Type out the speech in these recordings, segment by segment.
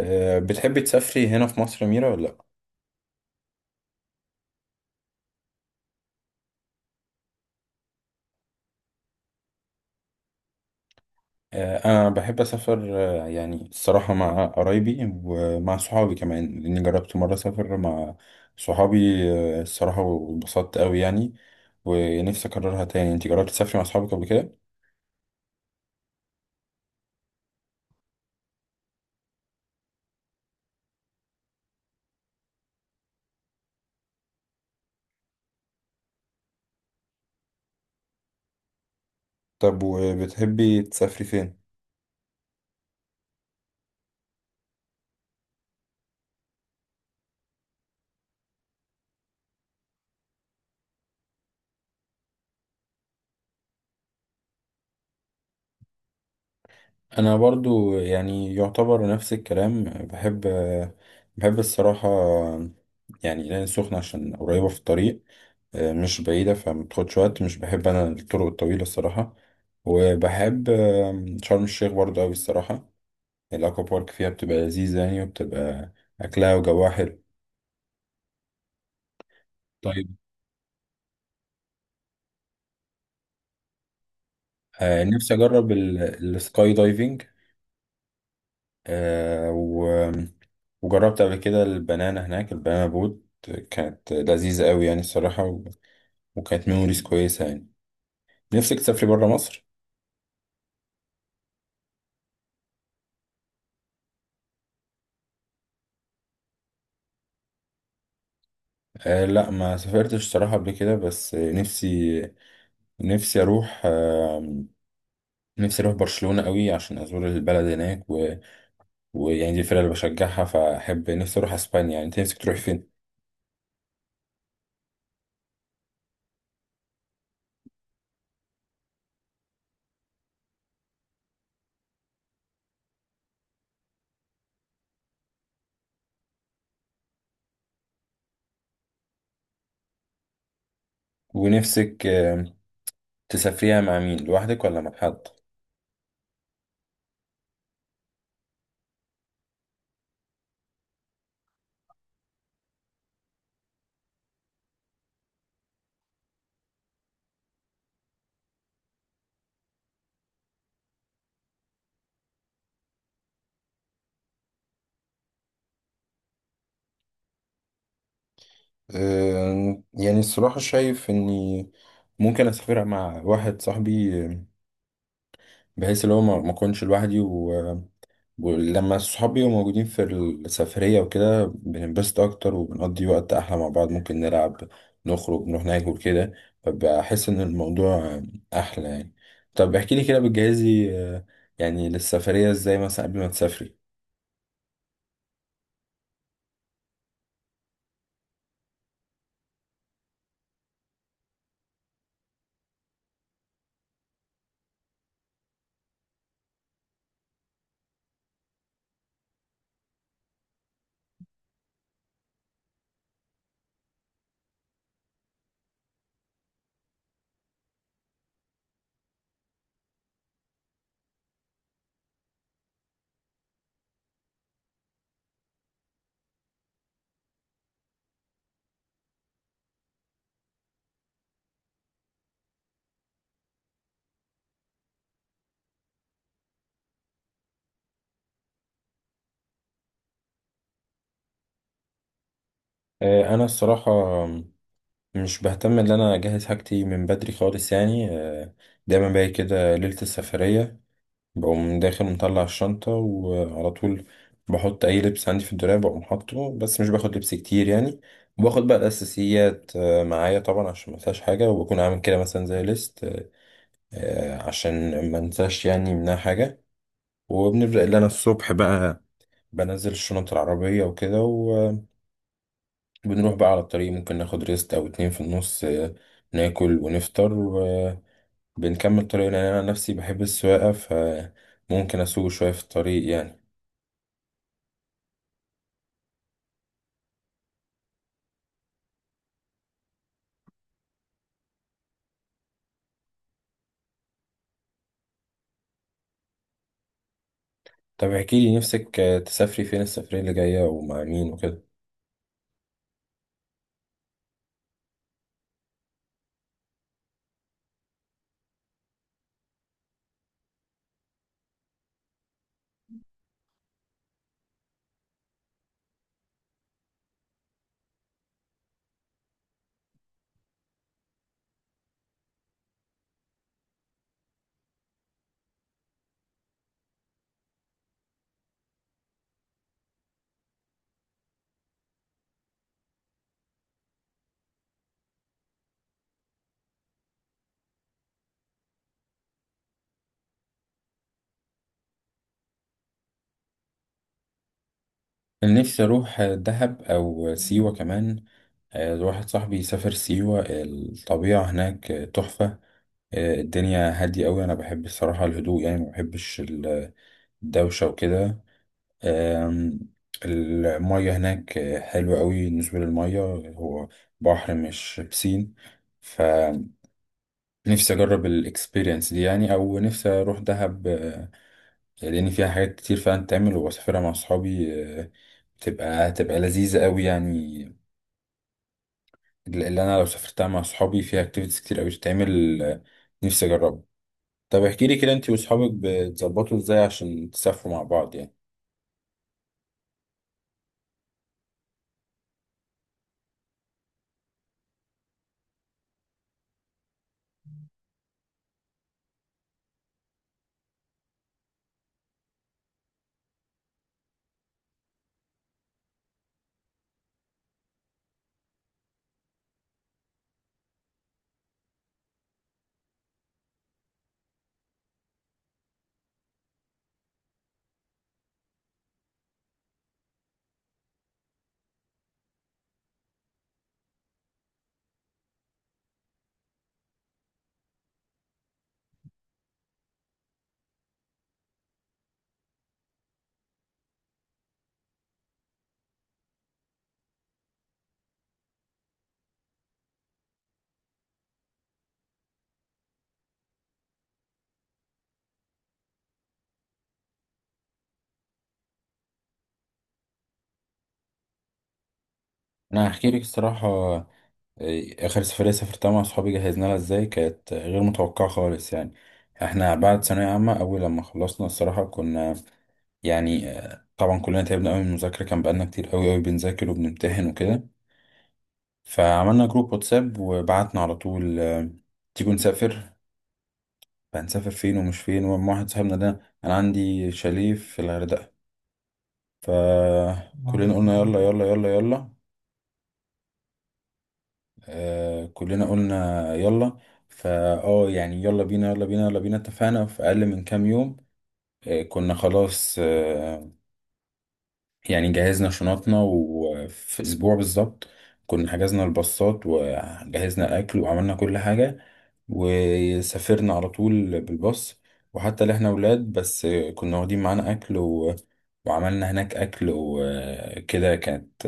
بتحبي تسافري هنا في مصر يا ميرا ولا لأ؟ أنا بحب أسافر. يعني الصراحة مع قرايبي ومع صحابي كمان، لأني جربت مرة أسافر مع صحابي. الصراحة واتبسطت أوي يعني، ونفسي أكررها تاني. أنت جربتي تسافري مع صحابك قبل كده؟ طب وبتحبي تسافري فين؟ أنا برضو يعني يعتبر نفس الكلام. بحب بحب الصراحة، يعني العين السخنة عشان قريبة في الطريق، مش بعيدة فمتاخدش وقت. مش بحب أنا الطرق الطويلة الصراحة، وبحب شرم الشيخ برضه أوي الصراحة. الأكوا بارك فيها بتبقى لذيذة يعني، وبتبقى أكلها وجوها حلو. طيب، نفسي أجرب السكاي دايفنج. آه، و- وجربت قبل كده البنانا هناك، البنانا بوت، كانت لذيذة أوي يعني الصراحة، وكانت ميموريز كويسة يعني. نفسك تسافري برا مصر؟ آه لا، ما سافرتش الصراحة قبل كده، بس نفسي، نفسي أروح. نفسي اروح برشلونة قوي عشان ازور البلد هناك، ويعني دي الفرقة اللي بشجعها، فاحب نفسي اروح اسبانيا يعني. انت نفسك تروح فين؟ ونفسك تسافريها مع مين، لوحدك ولا مع حد؟ يعني الصراحة شايف اني ممكن اسافرها مع واحد صاحبي، بحيث اللي هو ما اكونش لوحدي. ولما الصحاب بيبقوا موجودين في السفرية وكده، بننبسط أكتر وبنقضي وقت أحلى مع بعض، ممكن نلعب، نخرج، نروح ناكل كده. فبحس إن الموضوع أحلى يعني. طب احكي لي كده، بتجهزي يعني للسفرية إزاي، مثلا قبل ما تسافري؟ أنا الصراحة مش بهتم إن أنا أجهز حاجتي من بدري خالص يعني. دايما باجي كده ليلة السفرية، بقوم داخل مطلع الشنطة وعلى طول بحط أي لبس عندي في الدولاب، بقوم حاطه. بس مش باخد لبس كتير يعني، وباخد بقى الأساسيات معايا طبعا عشان ما انساش حاجة. وبكون عامل كده مثلا زي ليست عشان ما انساش يعني منها حاجة. وبنبدأ اللي أنا الصبح بقى بنزل الشنط العربية وكده، وبنروح بقى على الطريق. ممكن ناخد ريست أو اتنين في النص، ناكل ونفطر، وبنكمل طريقنا. يعني أنا نفسي بحب السواقة، فممكن أسوق شوية في الطريق يعني. طب احكي لي، نفسك تسافري فين السفرية اللي جاية ومع مين وكده؟ انا نفسي اروح دهب او سيوة كمان. واحد صاحبي سافر سيوة، الطبيعة هناك تحفة. الدنيا هادية أوي. أنا بحب الصراحة الهدوء يعني، ما بحبش الدوشة وكده. آم، المية هناك حلوة أوي. بالنسبة للمية، هو بحر مش بسين، فنفسي أجرب الإكسبيرينس دي يعني. أو نفسي أروح دهب، لان فيها حاجات كتير فعلا تتعمل، وبسافرها مع اصحابي. آه، بتبقى هتبقى لذيذه قوي يعني، اللي انا لو سافرتها مع اصحابي. فيها اكتيفيتيز كتير قوي تتعمل، نفسي اجربها. طب احكي لي كده، انت واصحابك بتظبطوا ازاي عشان تسافروا مع بعض يعني؟ انا هحكي لك الصراحه، اخر سفريه سافرتها مع اصحابي جهزنا لها ازاي، كانت غير متوقعه خالص يعني. احنا بعد ثانويه عامه اول لما خلصنا الصراحه كنا يعني، طبعا كلنا تعبنا قوي من المذاكره، كان بقالنا كتير قوي قوي بنذاكر وبنمتحن وكده. فعملنا جروب واتساب وبعتنا على طول، تيجوا نسافر، فهنسافر فين ومش فين. ومع واحد صاحبنا ده انا عندي شاليه في الغردقة، فكلنا قلنا يلا يلا يلا يلا، آه كلنا قلنا يلا. فا اه يعني يلا بينا يلا بينا يلا بينا، اتفقنا في اقل من كام يوم. آه كنا خلاص، يعني جهزنا شنطنا، وفي اسبوع بالظبط كنا حجزنا الباصات وجهزنا الاكل وعملنا كل حاجه، وسافرنا على طول بالباص. وحتى اللي احنا ولاد بس، كنا واخدين معانا اكل وعملنا هناك اكل وكده. كانت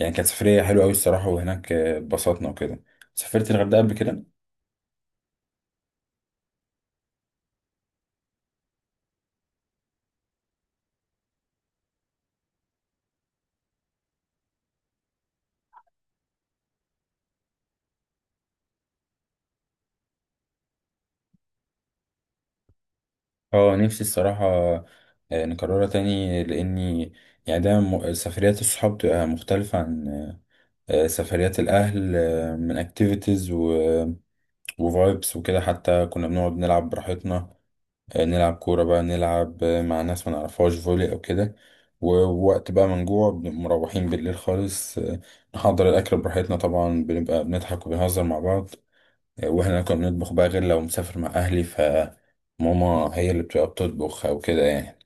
يعني كانت سفريه حلوه قوي الصراحه، وهناك اتبسطنا وكده. سافرت الغردقه قبل كده؟ اه نفسي الصراحه نكررها تاني، لاني يعني دايما سفريات الصحاب تبقى مختلفه عن سفريات الأهل، من اكتيفيتيز وفايبس وكده. حتى كنا بنقعد نلعب براحتنا، نلعب كورة بقى، نلعب مع ناس ما نعرفهاش فولي أو كده. ووقت بقى ما نجوع، بنبقى مروحين بالليل خالص، نحضر الأكل براحتنا. طبعا بنبقى بنضحك وبنهزر مع بعض، واحنا كنا بنطبخ بقى، غير لو مسافر مع أهلي فماما هي اللي بتبقى بتطبخ أو كده يعني.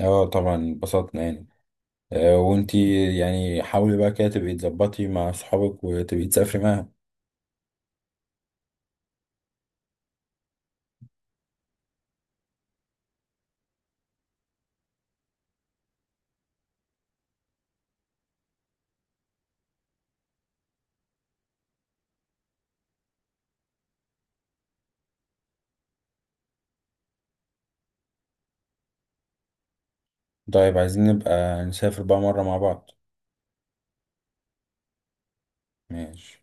اه طبعا اتبسطنا يعني، وانتي يعني حاولي بقى كده تبقي تظبطي مع صحابك وتبقي تسافري معاهم. طيب، عايزين نبقى نسافر بقى مرة مع بعض. ماشي.